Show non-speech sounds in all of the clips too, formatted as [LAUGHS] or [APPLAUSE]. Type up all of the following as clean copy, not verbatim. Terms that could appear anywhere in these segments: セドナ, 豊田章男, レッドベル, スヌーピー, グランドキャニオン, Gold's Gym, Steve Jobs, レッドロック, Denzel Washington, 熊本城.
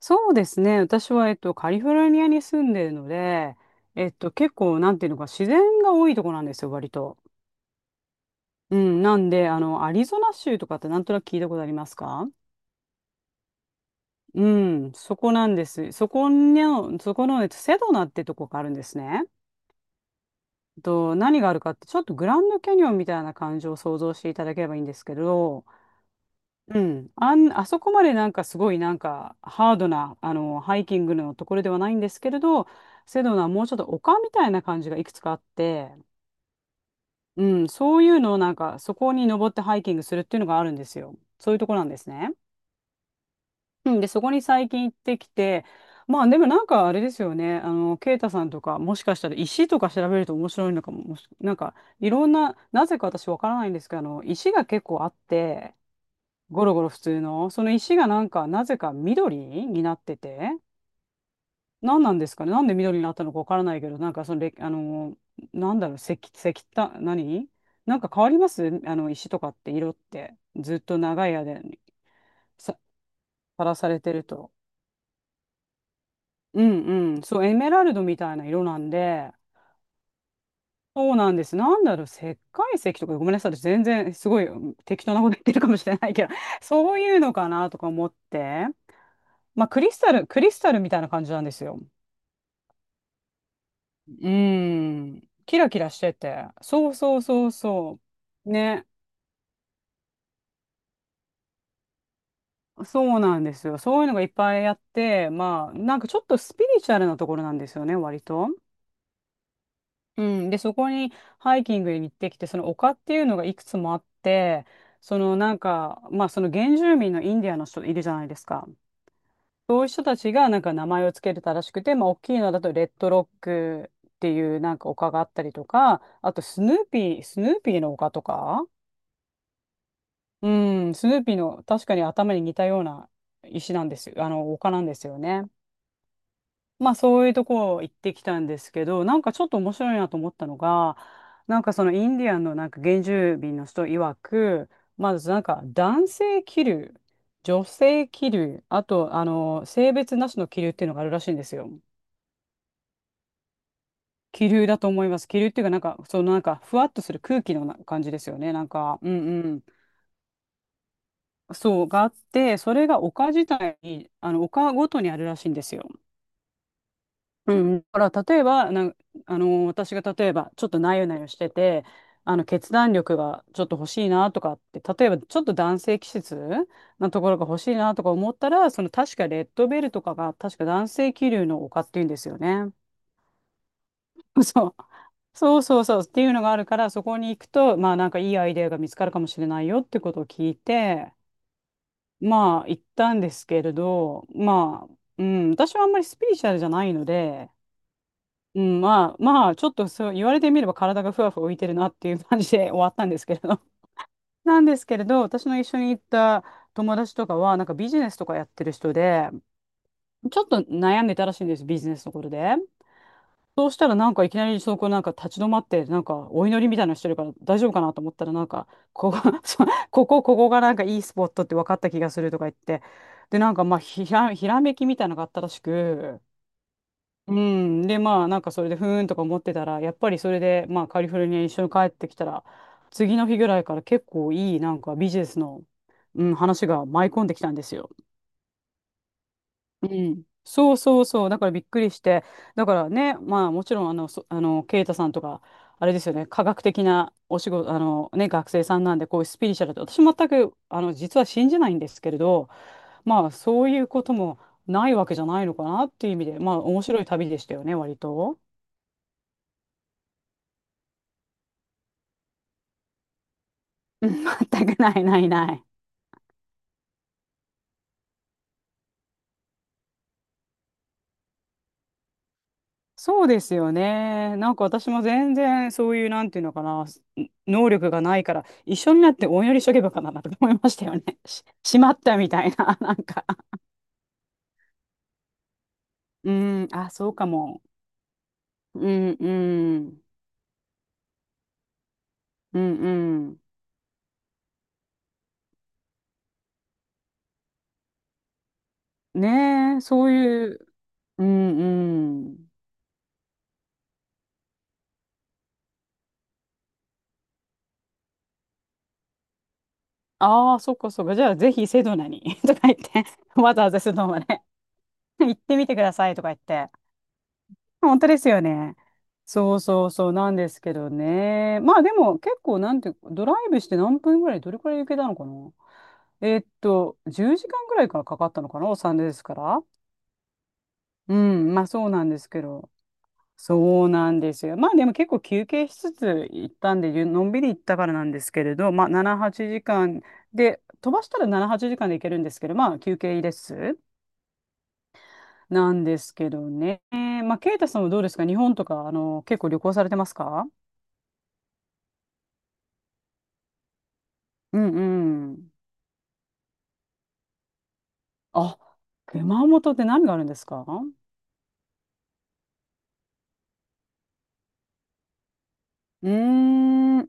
そうですね。私は、カリフォルニアに住んでるので、結構、なんていうのか、自然が多いとこなんですよ、割と。うん、なんで、アリゾナ州とかってなんとなく聞いたことありますか？うん、そこなんです。そこの、セドナってとこがあるんですね。と、何があるかって、ちょっとグランドキャニオンみたいな感じを想像していただければいいんですけど、あそこまでなんかすごいなんかハードなハイキングのところではないんですけれど、セドナはもうちょっと丘みたいな感じがいくつかあって、うん、そういうのをなんかそこに登ってハイキングするっていうのがあるんですよ。そういうところなんですね。うん、で、そこに最近行ってきて、まあでもなんかあれですよね、ケイタさんとかもしかしたら石とか調べると面白いのかも、もしなんかいろんな、なぜか私わからないんですけど、石が結構あって、ゴロゴロ普通の、その石がなんか、なぜか緑になってて、何なんですかね、なんで緑になったのかわからないけど、なんかそのれ、あの、なんだろう、石、石炭、何なんか変わります石とかって色って、ずっと長い間にさ、さらされてると。うんうん、そう、エメラルドみたいな色なんで、そうなんです。なんだろう、石灰石とか、ごめんなさい、私全然すごいうん適当なこと言ってるかもしれないけど、[LAUGHS] そういうのかなとか思って、まあ、クリスタルみたいな感じなんですよ。うん。キラキラしてて。そうそうそうそう。ね。そうなんですよ。そういうのがいっぱいあって、まあ、なんかちょっとスピリチュアルなところなんですよね、割と。うん。で、そこにハイキングに行ってきて、その丘っていうのがいくつもあって、そのなんか、まあ、その原住民のインディアンの人いるじゃないですか。そういう人たちがなんか名前をつけてたらしくて、まあ、大きいのだとレッドロックっていうなんか丘があったりとか、あとスヌーピーの丘とか、うん、スヌーピーの確かに頭に似たような石なんですよ。丘なんですよね。まあそういうとこ行ってきたんですけど、なんかちょっと面白いなと思ったのが、なんかそのインディアンのなんか原住民の人曰く、まずなんか男性気流、女性気流、あと性別なしの気流っていうのがあるらしいんですよ。気流だと思います。気流っていうかなんかそのなんかふわっとする空気のな感じですよね。なんか、うんうん。そう、があって、それが丘自体に、丘ごとにあるらしいんですよ。うん。だから、例えば、なん、あの、私が例えば、ちょっとなよなよしてて、決断力がちょっと欲しいなとかって、例えば、ちょっと男性気質なところが欲しいなとか思ったら、その、確かレッドベルとかが、確か男性気流の丘っていうんですよね。[LAUGHS] そう。そうそうそうっていうのがあるから、そこに行くと、まあ、なんかいいアイデアが見つかるかもしれないよってことを聞いて、まあ、行ったんですけれど、まあ、うん、私はあんまりスピリチュアルじゃないので、うん、まあ、まあ、ちょっとそう言われてみれば体がふわふわ浮いてるなっていう感じで終わったんですけれど。[LAUGHS] なんですけれど、私の一緒に行った友達とかは、なんかビジネスとかやってる人で、ちょっと悩んでたらしいんです、ビジネスのことで。そうしたらなんかいきなりそこなんか立ち止まってなんかお祈りみたいなのしてるから大丈夫かなと思ったらなんかここ、[LAUGHS] そうここ、ここがなんかいいスポットって分かった気がするとか言って、でなんかまあひらめきみたいなのがあったらしく、うんでまあなんかそれでふーんとか思ってたらやっぱりそれでまあカリフォルニアに一緒に帰ってきたら次の日ぐらいから結構いいなんかビジネスの、うん、話が舞い込んできたんですよ。うん、そうそうそう、だからびっくりして、だからね、まあもちろんあの、そ、あの、ケイタさんとか、あれですよね、科学的なお仕事、あのね、学生さんなんで、こういうスピリチュアルって、私全く、実は信じないんですけれど、まあそういうこともないわけじゃないのかなっていう意味で、まあ面白い旅でしたよね、割と。[LAUGHS] うん、全くないないない。そうですよね。なんか私も全然そういう、なんていうのかな、能力がないから、一緒になってお祈りしとけばよかなとか思いましたよね。[LAUGHS] しまったみたいな、[LAUGHS] なんか。うん、あ、そうかも。うん、うん、うん、うん。ねえ、そういう、うん、うん。ああ、そっかそっか。じゃあ、ぜひセドナに [LAUGHS] とか言って、わざわざセドナまで [LAUGHS] 行ってみてくださいとか言って。本当ですよね。そうそうそうなんですけどね。まあでも結構なんていうか、ドライブして何分ぐらい、どれくらい行けたのかな。10時間ぐらいからかかったのかな、お産ですから。うん、まあそうなんですけど。そうなんですよ。まあでも結構休憩しつつ行ったんで、ゆのんびり行ったからなんですけれど、まあ7、8時間で、飛ばしたら7、8時間で行けるんですけど、まあ休憩です。なんですけどね。まあ、ケイタさんはどうですか、日本とか、結構旅行されてますか？うんうん。あ、熊本って何があるんですか？うーん。は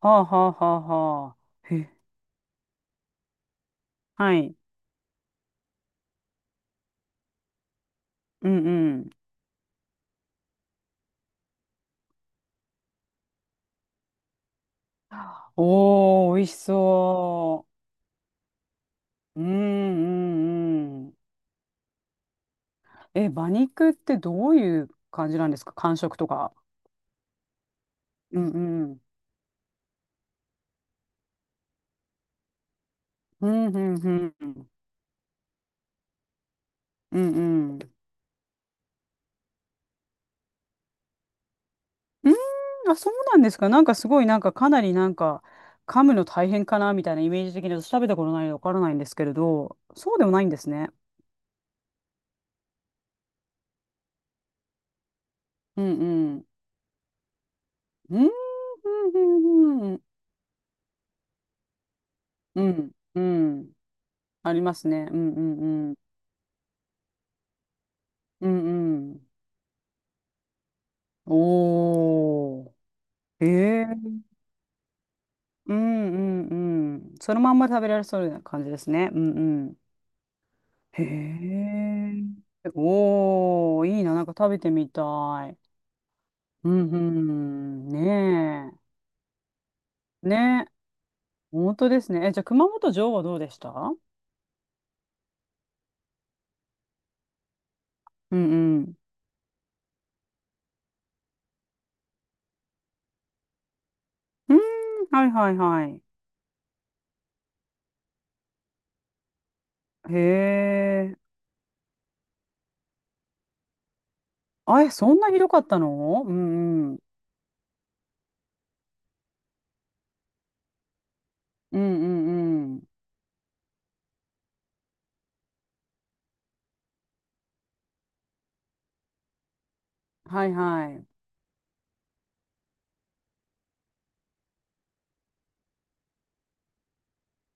あはあはあはあ。へ、はい。うんうん。おー、美味しそう。うんうんうん。え、馬肉ってどういう感じなんですか、感触とか。うんうん。うんうんうん。うんうん。うーん、あ、そうなんですか。なんかすごい、なんかかなりなんか、噛むの大変かなみたいなイメージ的に私食べたことないのでわからないんですけれど、そうでもないんですね。うんうん。うんうんうんうんうん。うんありますね。うんうんうん。うんうん。おー。ええ、うんうんうん。そのまんま食べられそうな感じですね。うんうん。へえ。おー、いいな。なんか食べてみたい。うんうん。ねえ。ねえ。本当ですね。え、じゃあ熊本城はどうでした？うんうん。うん。はいはいはい。へえ。あ、え、そんなひどかったの？うんうん。うんうんうん。はいはい。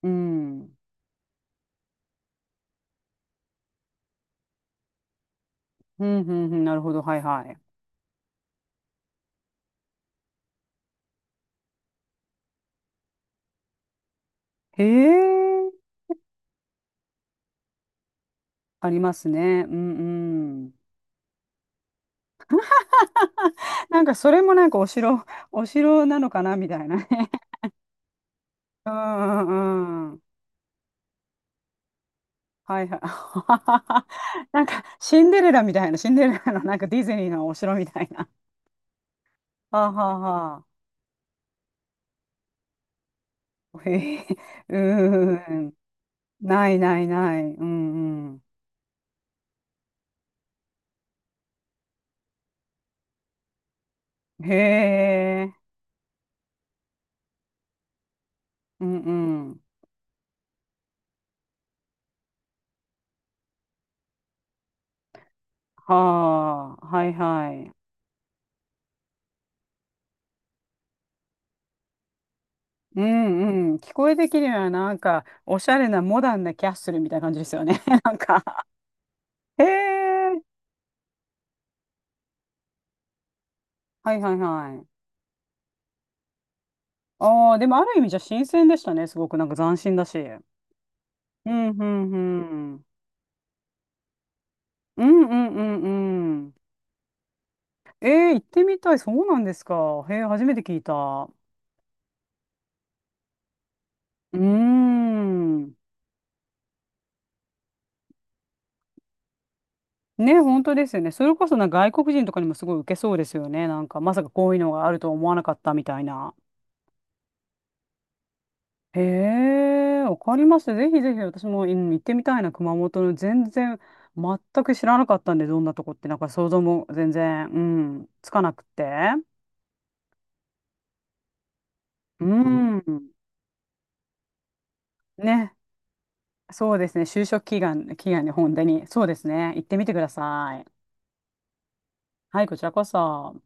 うん。うんうんうん。なるほど。はいはい。へえ。ありますね。うんうん。[LAUGHS] なんかそれもなんかお城、[LAUGHS] お城なのかなみたいなね。[LAUGHS] うんうんうん。はいはい。[LAUGHS] なんかシンデレラみたいな、シンデレラのなんかディズニーのお城みたいな。[LAUGHS] はあはあはあ。へえ。うん。ないないない。うんうん。へえ。うんうん。はあ、はいはい。うんうん。聞こえてきるのはなんか、おしゃれなモダンなキャッスルみたいな感じですよね。[LAUGHS] なんか。へえ。はいはいはい。ああ、でもある意味じゃ新鮮でしたね。すごくなんか斬新だし。うんうんうん。うんうんうんうん。えー、行ってみたい。そうなんですか。へえ、初めて聞いた。うーん。ね、本当ですよね。それこそな外国人とかにもすごい受けそうですよね。なんか、まさかこういうのがあるとは思わなかったみたいな。へえ、わかりました。ぜひぜひ私も、うん、行ってみたいな、熊本の全然、全く知らなかったんで、どんなとこって、なんか想像も全然、うん、つかなくて。うんん、ね、そうですね、就職祈願、祈願に本当に、そうですね、行ってみてください。はい、こちらこそ。